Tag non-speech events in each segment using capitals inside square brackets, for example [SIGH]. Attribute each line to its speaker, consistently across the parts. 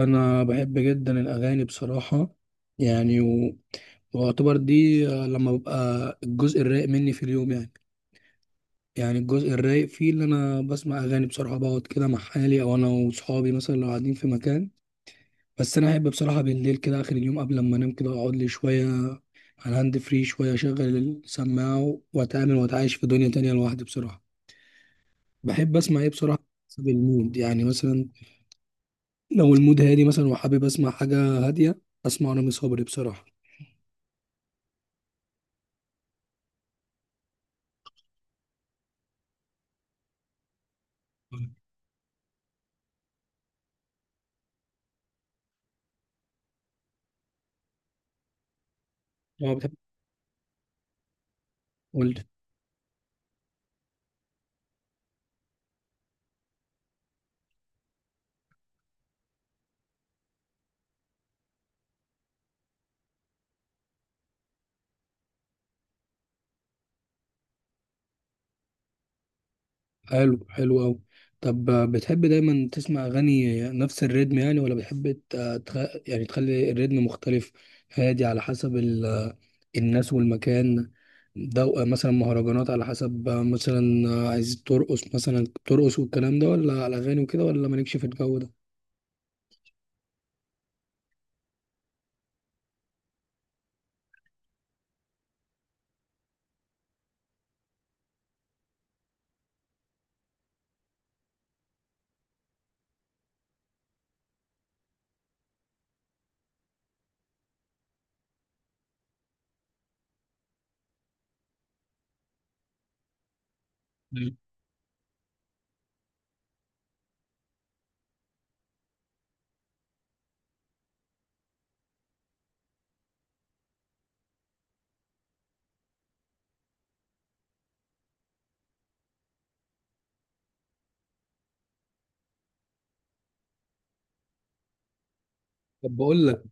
Speaker 1: انا بحب جدا الاغاني بصراحه يعني واعتبر دي لما ببقى الجزء الرايق مني في اليوم يعني. الجزء الرايق فيه اللي انا بسمع اغاني بصراحه، بقعد كده مع حالي او انا وصحابي مثلا لو قاعدين في مكان. بس انا احب بصراحه بالليل كده اخر اليوم قبل ما انام، كده اقعد لي شويه على الهاند فري، شويه اشغل السماعه واتعامل واتعايش في دنيا تانية لوحدي بصراحه. بحب اسمع ايه بصراحه؟ حسب المود يعني. مثلا لو المود هادي مثلا وحابب اسمع حاجه هاديه، اسمع رامي صبري بصراحه. اه، بتحب. ولد. حلو حلو أوي. طب بتحب دايما تسمع أغاني نفس الريتم يعني، ولا بتحب تخ... يعني تخلي الريتم مختلف؟ هادي على حسب ال... آه، الناس والمكان ده. مثلا مهرجانات، على حسب مثلا عايز ترقص مثلا ترقص والكلام ده، ولا على أغاني وكده، ولا مالكش في الجو ده؟ مم. طب بقول لك،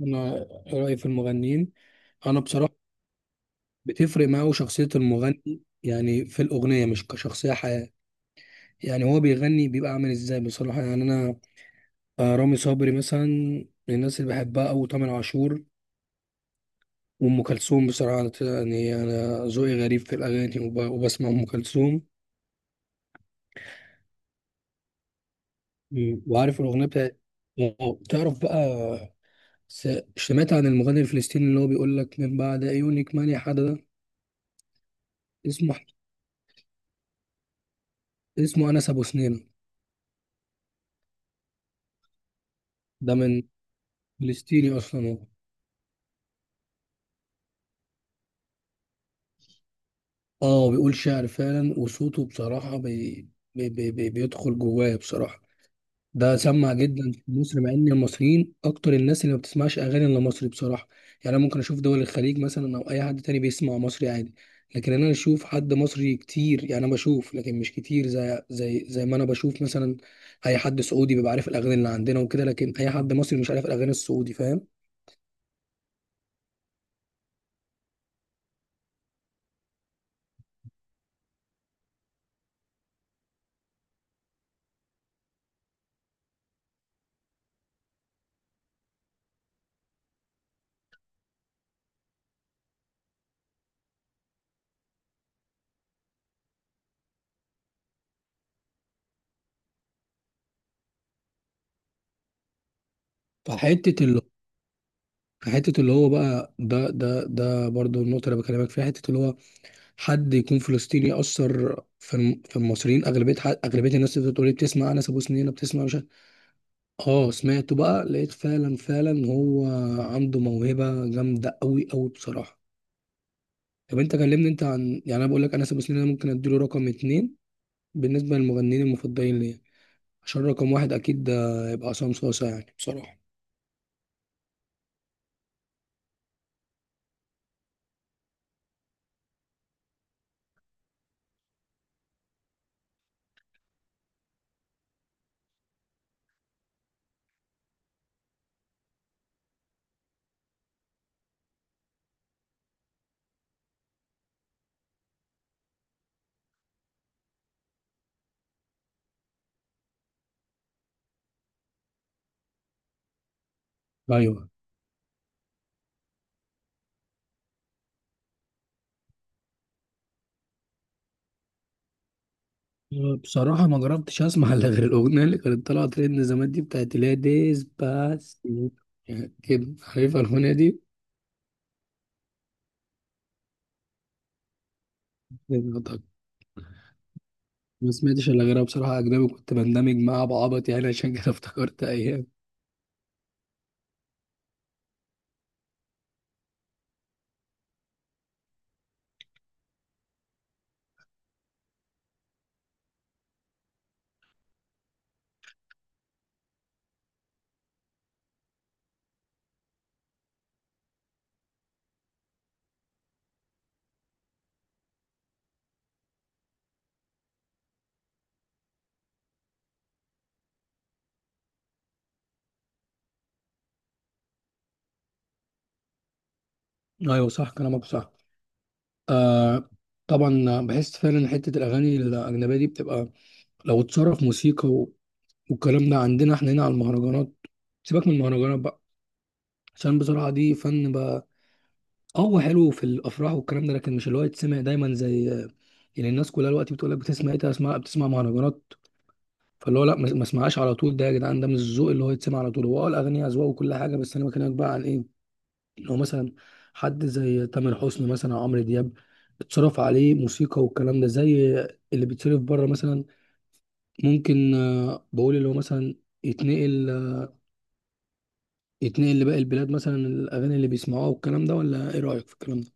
Speaker 1: أنا إيه رأيي في المغنيين؟ أنا بصراحة بتفرق معاه شخصية المغني يعني في الأغنية مش كشخصية حياة. يعني هو بيغني بيبقى عامل ازاي بصراحة يعني انا. رامي صبري مثلا من الناس اللي بحبها، او تامر عاشور وام كلثوم، بصراحة يعني انا ذوقي غريب في الاغاني وبسمع ام كلثوم. وعارف الاغنية بتاعت تعرف بقى، سمعت عن المغني الفلسطيني اللي هو بيقول لك من بعد عيونك ماني حدا ده؟ اسمه، اسمه انس ابو سنين. ده من فلسطيني اصلا هو. اه بيقول شعر فعلا، وصوته بصراحة بيدخل جوايا بصراحة. ده سمع جدا في مصر، مع ان المصريين اكتر الناس اللي ما بتسمعش اغاني الا مصري بصراحه. يعني انا ممكن اشوف دول الخليج مثلا او اي حد تاني بيسمع مصري عادي، لكن انا اشوف حد مصري كتير. يعني انا بشوف لكن مش كتير، زي ما انا بشوف مثلا اي حد سعودي بيبقى عارف الاغاني اللي عندنا وكده، لكن اي حد مصري مش عارف الاغاني السعودي، فاهم؟ فحته اللي حته اللي هو بقى، ده برضو النقطه اللي بكلمك فيها. حته اللي هو حد يكون فلسطيني يأثر في المصريين، أغلبية أغلبية الناس اللي بتقول لي بتسمع أنس أبو سنينة بتسمع مش عارف- آه سمعته بقى، لقيت فعلا فعلا هو عنده موهبة جامدة أوي أوي بصراحة. طب أنت كلمني أنت عن، يعني أنا بقول لك أنس أبو سنينة ممكن أديله رقم اتنين بالنسبة للمغنيين المفضلين ليا، عشان رقم واحد أكيد ده يبقى عصام صاصا يعني بصراحة. أيوه. بصراحة ما جربتش أسمع إلا غير الأغنية اللي كانت طالعة ترند زمان دي، بتاعت اللي هي ديسباسيتو. يعني كده عارف الأغنية دي؟ النهارده ما سمعتش الا غيرها بصراحه اجنبي، كنت بندمج معاها بعبط يعني [LAUGHS] عشان كده افتكرت ايام. ايوه صح كلامك صح. آه، طبعا بحس فعلا حته الاغاني الاجنبيه دي بتبقى، لو اتصرف موسيقى والكلام ده عندنا احنا هنا على المهرجانات. سيبك من المهرجانات بقى، عشان بصراحه دي فن بقى. اه هو حلو في الافراح والكلام ده، لكن مش اللي هو يتسمع دايما. زي يعني الناس كلها الوقت بتقول لك بتسمع ايه؟ بتسمع، بتسمع مهرجانات. فاللي هو لا، ما اسمعهاش على طول. ده يا جدعان ده مش الذوق اللي هو يتسمع على طول. هو اه الاغنيه اذواق وكل حاجه. بس انا بكلمك بقى عن ايه، اللي هو مثلا حد زي تامر حسني مثلا او عمرو دياب، اتصرف عليه موسيقى والكلام ده زي اللي بيتصرف بره مثلا. ممكن بقول اللي هو مثلا يتنقل، يتنقل لباقي البلاد مثلا، الاغاني اللي بيسمعوها والكلام ده، ولا ايه رايك في الكلام ده؟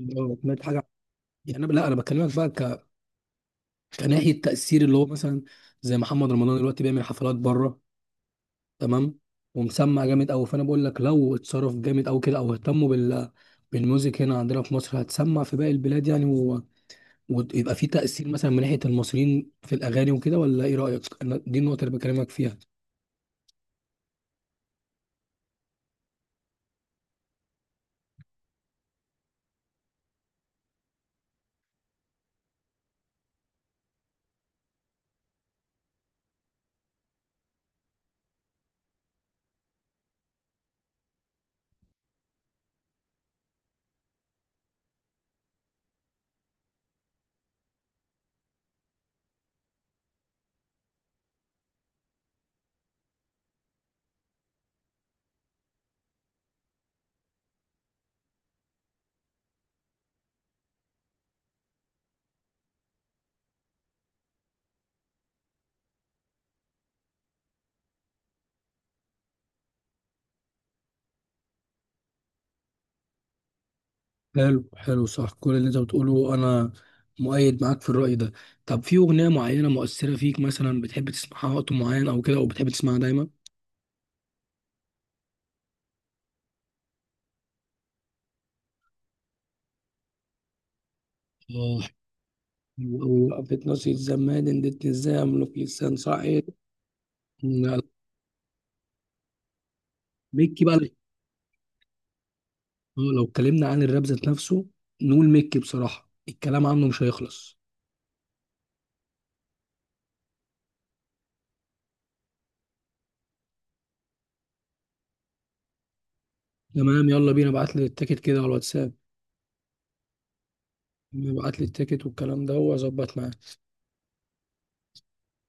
Speaker 1: لو سمعت حاجه يعني لا، انا بكلمك بقى كناحيه تاثير اللي هو مثلا زي محمد رمضان دلوقتي بيعمل حفلات بره، تمام؟ ومسمع جامد قوي. فانا بقول لك لو اتصرف جامد قوي كده، او اهتموا بال بالميوزك هنا عندنا في مصر، هتسمع في باقي البلاد يعني ويبقى في تأثير مثلا من ناحية المصريين في الأغاني وكده، ولا إيه رأيك؟ أنا دي النقطة اللي بكلمك فيها. حلو حلو صح كل اللي أنت بتقوله، أنا مؤيد معاك في الرأي ده. طب في أغنية معينة مؤثرة فيك مثلا بتحب تسمعها وقت معين أو كده، أو بتحب تسمعها دايما؟ آه، وقفت ناصية زمان ادتني الزمن في لسان صعيد. بيكي بقى. اه، لو اتكلمنا عن الراب ذات نفسه، نقول ميكي، بصراحة الكلام عنه مش هيخلص. تمام، يلا بينا، ابعت لي التيكت كده على الواتساب. ابعت لي التيكت والكلام ده واظبط معاك.